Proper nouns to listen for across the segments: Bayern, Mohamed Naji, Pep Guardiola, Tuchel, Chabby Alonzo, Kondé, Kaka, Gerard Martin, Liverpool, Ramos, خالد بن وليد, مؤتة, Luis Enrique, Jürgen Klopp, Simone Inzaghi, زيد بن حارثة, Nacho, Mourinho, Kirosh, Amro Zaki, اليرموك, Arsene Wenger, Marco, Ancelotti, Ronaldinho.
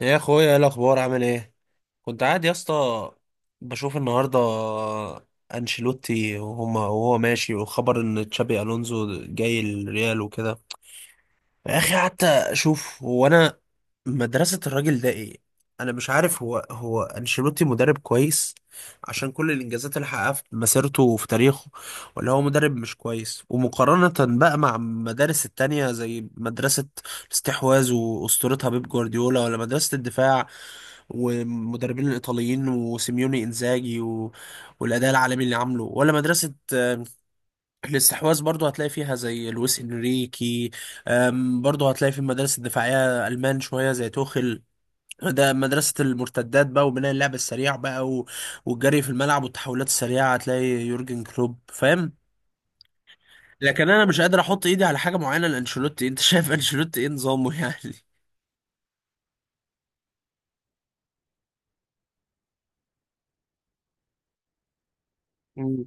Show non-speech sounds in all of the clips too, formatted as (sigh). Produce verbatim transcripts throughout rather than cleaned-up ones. يا اخويا، ايه الاخبار؟ عامل ايه؟ كنت قاعد يا اسطى بشوف النهارده انشيلوتي وهما، وهو ماشي، وخبر ان تشابي الونزو جاي الريال وكده. يا اخي قعدت اشوف، هو انا مدرسه الراجل ده ايه؟ انا مش عارف، هو هو انشيلوتي مدرب كويس عشان كل الانجازات اللي حققها في مسيرته وفي تاريخه، ولا هو مدرب مش كويس؟ ومقارنه بقى مع المدارس التانية زي مدرسه الاستحواذ واسطورتها بيب جوارديولا، ولا مدرسه الدفاع والمدربين الايطاليين وسيميوني انزاجي و... والاداء العالمي اللي عامله، ولا مدرسه آه، الاستحواذ؟ برضو هتلاقي فيها زي لويس انريكي. آم، برضو هتلاقي في المدارس الدفاعيه المان شويه زي توخيل، ده مدرسة المرتدات بقى وبناء اللعب السريع بقى و... والجري في الملعب والتحولات السريعة، هتلاقي يورجن كلوب فاهم. لكن انا مش قادر احط ايدي على حاجة معينة لانشيلوتي. انت (laughs) شايف انشيلوتي ايه نظامه يعني؟ مم.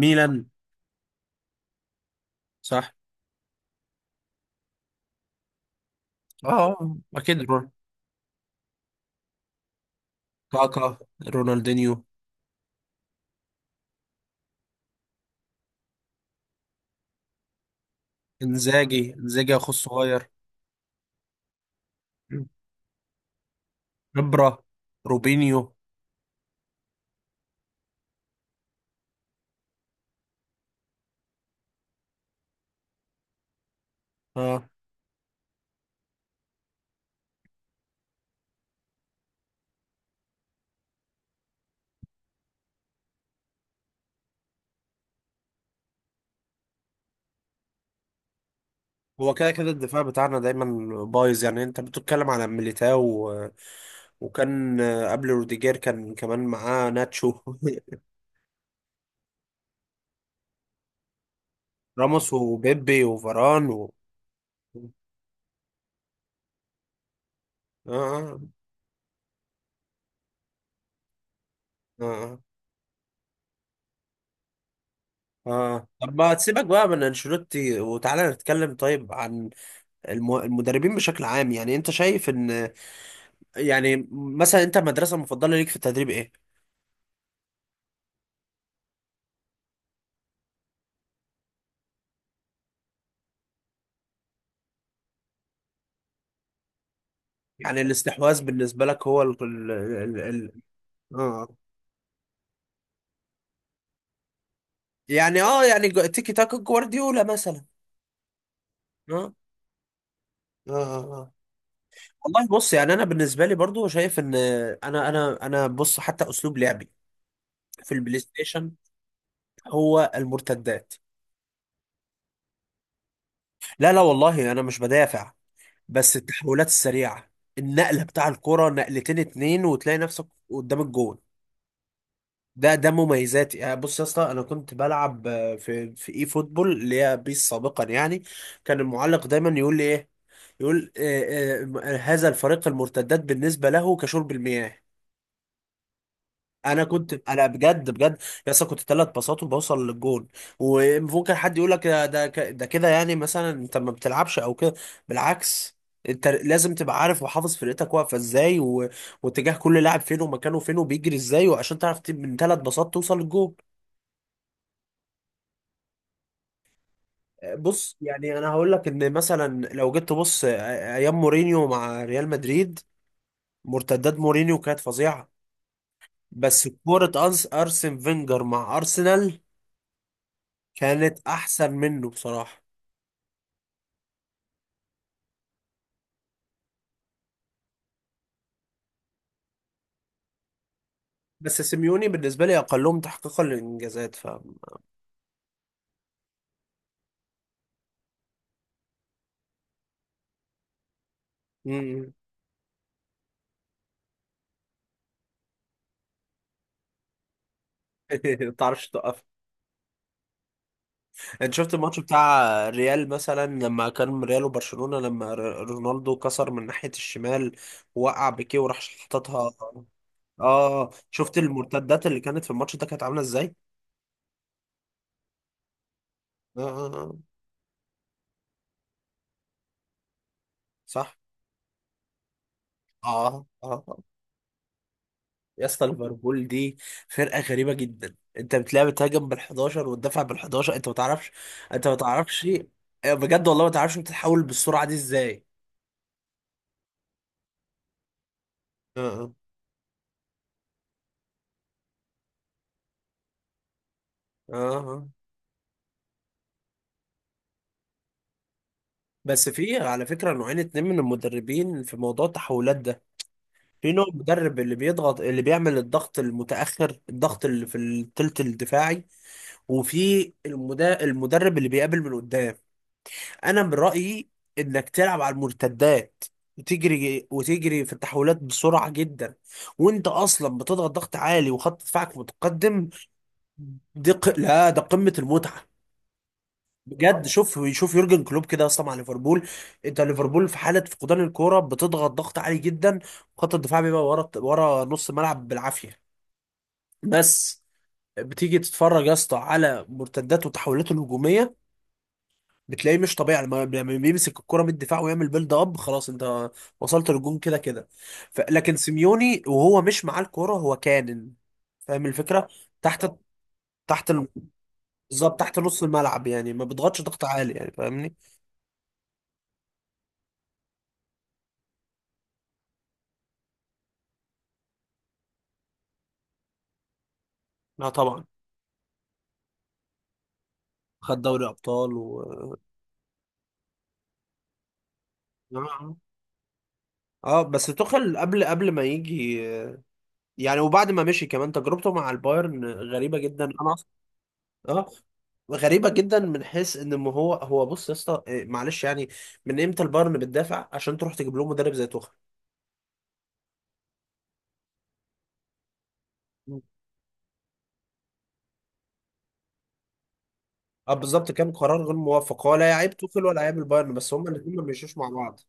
ميلان. صح. اه، آه، اكيد رو- كاكا. رونالدينيو. انزاجي. انزاجي اخو الصغير. خبرة. روبينيو. اه. هو كده كده الدفاع بتاعنا دايما بايظ، يعني انت بتتكلم على ميليتاو و... وكان آه، قبل روديجير كان كمان معاه ناتشو (laughs) راموس وبيبي وفاران و... آه، آه. آه، آه. آه. طب ما تسيبك بقى من انشيلوتي وتعالى نتكلم طيب عن الم- المدربين بشكل عام. يعني انت شايف ان، يعني مثلا، انت المدرسة المفضلة ليك في التدريب ايه؟ يعني الاستحواذ بالنسبة لك هو ال ال ال ال اه. يعني اه، يعني جو- تيكي تاكا جوارديولا مثلا. اه. اه، اه، آه. والله بص، يعني انا بالنسبة لي برضو شايف ان، انا انا انا بص، حتى اسلوب لعبي في البلاي ستيشن هو المرتدات. لا لا والله انا مش بدافع، بس التحولات السريعة، النقلة بتاع الكرة نقلتين اتنين وتلاقي نفسك قدام الجول. ده ده مميزاتي. يعني بص يا اسطى، انا كنت بلعب آه، في في اي فوتبول، اللي هي بيس سابقا يعني. كان المعلق دايما يقول لي ايه، يقول آه، آه، هذا الفريق المرتدات بالنسبه له كشرب المياه. انا كنت، انا بجد بجد يا اسطى كنت ثلاث باصات وبوصل للجون. وممكن حد يقول لك ده ده ك- ده كده، يعني مثلا انت ما بتلعبش او كده. بالعكس، انت لازم تبقى عارف وحافظ فرقتك واقفه ازاي و... واتجاه كل لاعب فين، ومكانه فين، وبيجري ازاي، وعشان تعرف ت- من ثلاث باصات توصل للجون. بص، يعني انا هقول لك ان مثلا لو جيت تبص أ- ايام مورينيو مع ريال مدريد، مرتدات مورينيو كانت فظيعه. بس كوره أنس ارسن فينجر مع ارسنال كانت احسن منه بصراحه. بس سيميوني بالنسبه لي اقلهم تحقيقا للانجازات، ف... مم. (laughs) ما تعرفش توقف. انت شفت الماتش بتاع ريال مثلا لما كان ريال وبرشلونه، لما ر- رونالدو كسر من ناحيه الشمال، وقع بيكيه وراح حططها؟ اه شفت المرتدات اللي كانت في الماتش ده كانت عامله ازاي؟ اه، آه، آه. صح. اه، اه، آه. يا اسطى ليفربول دي فرقه غريبه جدا. انت بتلاعب، بتهاجم بالحداشر وتدافع بالحداشر. انت ما تعرفش، انت ما تعرفش، آه، بجد والله ما تعرفش بتتحول بالسرعه دي ازاي. اه، اه، آه. بس في على فكره نوعين اتنين من المدربين في موضوع التحولات ده. في نوع مدرب اللي بيضغط، اللي بيعمل الضغط المتاخر، الضغط اللي في الثلث الدفاعي، وفي المدا- المدرب اللي بيقابل من قدام. انا من رأيي انك تلعب على المرتدات، وتجري وتجري في التحولات بسرعة جدا، وانت اصلا بتضغط ضغط عالي وخط دفاعك متقدم. دي ق... لا، ده قمة المتعة. بجد شوف، شوف يورجن كلوب كده اصلا مع ليفربول. انت ليفربول في حالة فقدان الكورة بتضغط ضغط عالي جدا، وخط الدفاع بيبقى ورا، ورا نص الملعب بالعافية. بس بتيجي تتفرج يا اسطى على مرتدات وتحولات الهجومية بتلاقيه مش طبيعي. لما لما بيمسك الكرة من الدفاع ويعمل بيلد اب، خلاص انت وصلت للجون كده كده. ف... لكن سيميوني وهو مش معاه الكرة هو كانن فاهم الفكرة. تحت، تحت ال-. بالظبط تحت نص الملعب، يعني ما بيضغطش ضغط عالي، يعني فاهمني. لا طبعا. خد دوري ابطال و... اه، آه، بس توخل قبل قبل ما يجي يعني، وبعد ما مشي كمان تجربته مع البايرن غريبة جدا. انا اه، غريبة جدا، من حيث ان، ما هو هو بص يا اسطى، إيه، معلش يعني، من امتى البايرن بتدافع عشان تروح تجيب لهم مدرب زي توخيل؟ مم. اه بالظبط، كان قرار غير موفق. هو لا يعيب توخيل ولا يعيب البايرن، بس هما الاثنين ما بيمشوش مع بعض.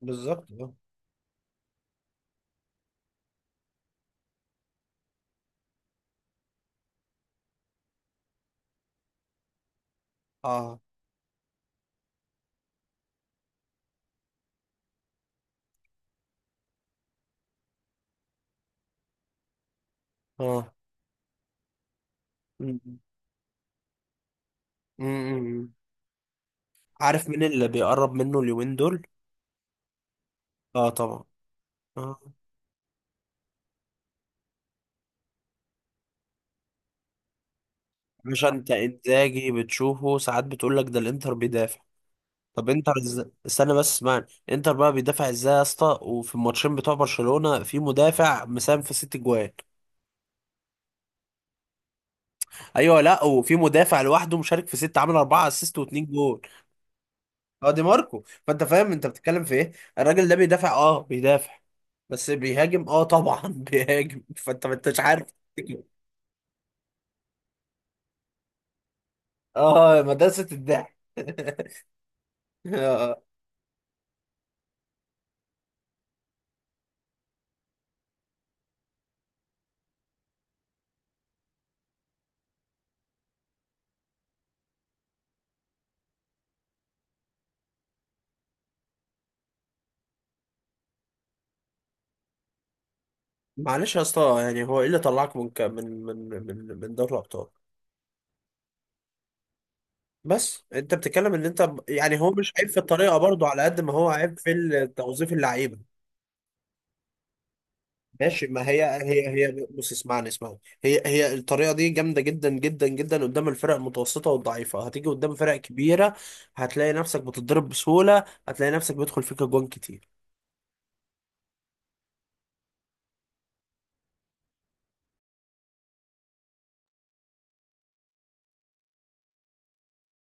بالظبط، اه. اه، اه. مم. مم. مم. عارف مين اللي بيقرب منه اليومين دول؟ اه طبعا. اه، عشان انت انزاجي بتشوفه ساعات بتقول لك ده الانتر بيدافع. طب انتر إز- استنى بس اسمعني. انتر بقى بيدافع ازاي يا اسطى؟ وفي الماتشين بتوع برشلونة في مدافع مساهم في ست جوان؟ ايوه، لا، وفي مدافع لوحده مشارك في ست، عامل اربعة اسيست واتنين جول. اه دي ماركو، فانت فاهم انت بتتكلم في ايه؟ الراجل ده بيدافع؟ اه بيدافع. بس بيهاجم اه طبعا. (laughs) بيهاجم، فانت ما انتش عارف. تفتكر. اه، مدرسة الضحك. (laughs) اه. معلش يا اسطى، يعني هو ايه اللي طلعك من ك- من من من من دوري الابطال؟ بس انت بتتكلم ان انت، يعني هو مش عيب في الطريقه برضو على قد ما هو عيب في توظيف اللعيبه. ماشي، ما هي هي هي بص اسمعني، اسمعني. هي هي الطريقه دي جامده جدا جدا جدا قدام الفرق المتوسطه والضعيفه، هتيجي قدام فرق كبيره هتلاقي نفسك بتتضرب بسهوله، هتلاقي نفسك بيدخل فيك اجوان كتير.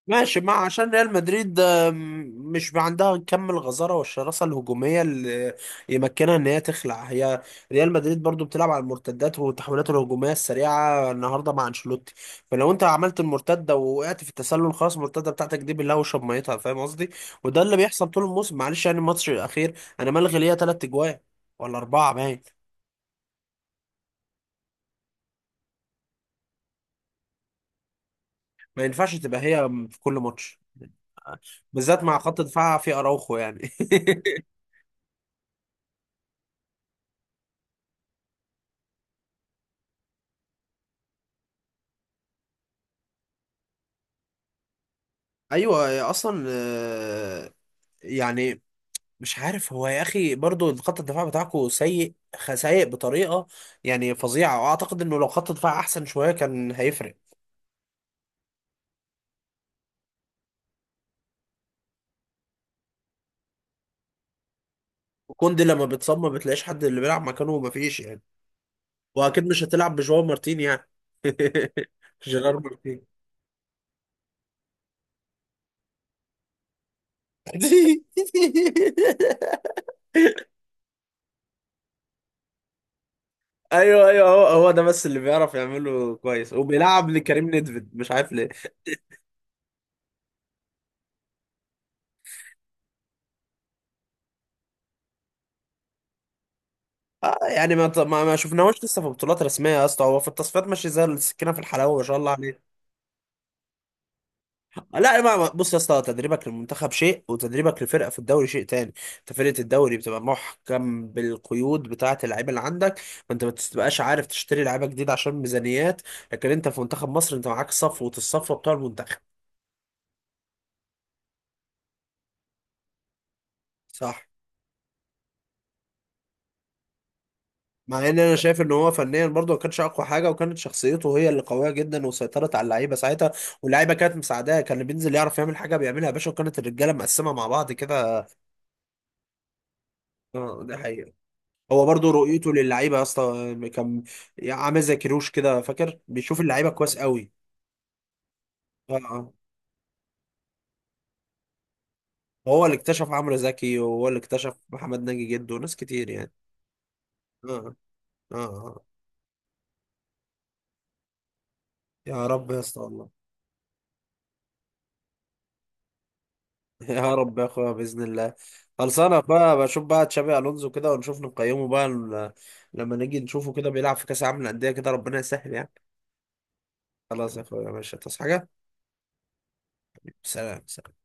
ماشي ما عشان ريال مدريد آه، م- مش عندها كم الغزارة والشراسة الهجومية اللي يمكنها ان هي تخلع. هي ريال مدريد برضو بتلعب على المرتدات والتحولات الهجومية السريعة النهاردة مع انشيلوتي، فلو انت عملت المرتدة ووقعت في التسلل خلاص، المرتدة بتاعتك دي بالله وشرب ميتها، فاهم قصدي؟ وده اللي بيحصل طول الموسم. معلش يعني، الماتش الأخير انا ملغي ليا تلات اجوان ولا أربعة باين. ما ينفعش تبقى هي في كل ماتش، بالذات مع خط دفاع في أراوخو يعني. (laughs) ايوه اصلا، آه، يعني مش عارف، هو يا اخي برضو خط الدفاع بتاعكو سيء، خ- سيء بطريقه يعني فظيعه، واعتقد انه لو خط الدفاع احسن شويه كان هيفرق. كوندي لما بيتصاب ما بتلاقيش حد اللي بيلعب مكانه، ومفيش يعني. واكيد مش هتلعب بجواو مارتين يعني (laughs) جيرار مارتين. (laughs) ايوه ايوه، هو هو ده بس اللي بيعرف يعمله كويس، وبيلعب لكريم نيدفيد مش عارف. آه يعني، ما ما ما شفناهوش لسه في بطولات رسميه يا اسطى، هو في التصفيات ماشي زي السكينه في الحلاوه ما شاء الله عليه. لا، ما ما- بص يا اسطى، تدريبك للمنتخب شيء، وتدريبك لفرقه في الدوري شيء تاني. انت فرقه الدوري بتبقى محكم بالقيود بتاعه اللعيبه اللي عندك، فانت ما بتبقاش عارف تشتري لعيبه جديده عشان ميزانيات. لكن انت في منتخب مصر، انت معاك صفوه الصفوه بتوع المنتخب. صح. مع ان انا شايف ان هو فنيا برضه ما كانش اقوى حاجه، وكانت شخصيته هي اللي قويه جدا وسيطرت على اللعيبه ساعتها. واللعيبه كانت مساعداه، كان اللي بينزل يعرف يعمل حاجه بيعملها يا باشا، وكانت الرجاله مقسمه مع بعض كده. آه، ده حقيقه. هو برضه رؤيته للعيبه يا اسطى كان عامل زي كيروش كده فاكر، بيشوف اللعيبه كويس قوي. اه، آه. هو اللي اكتشف عمرو زكي، وهو اللي اكتشف محمد ناجي جده، وناس كتير يعني. اه، اه، آه. يا رب يا اسطى والله. (laughs) يا رب يا اخويا باذن الله. خلصانه يا اخويا، بشوف بقى تشابي الونزو كده ونشوف نقيمه بقى ل- لما نيجي نشوفه كده بيلعب في كاس العالم للانديه كده، ربنا يسهل يعني. خلاص يا اخويا ماشي، تصحى حاجه. سلام.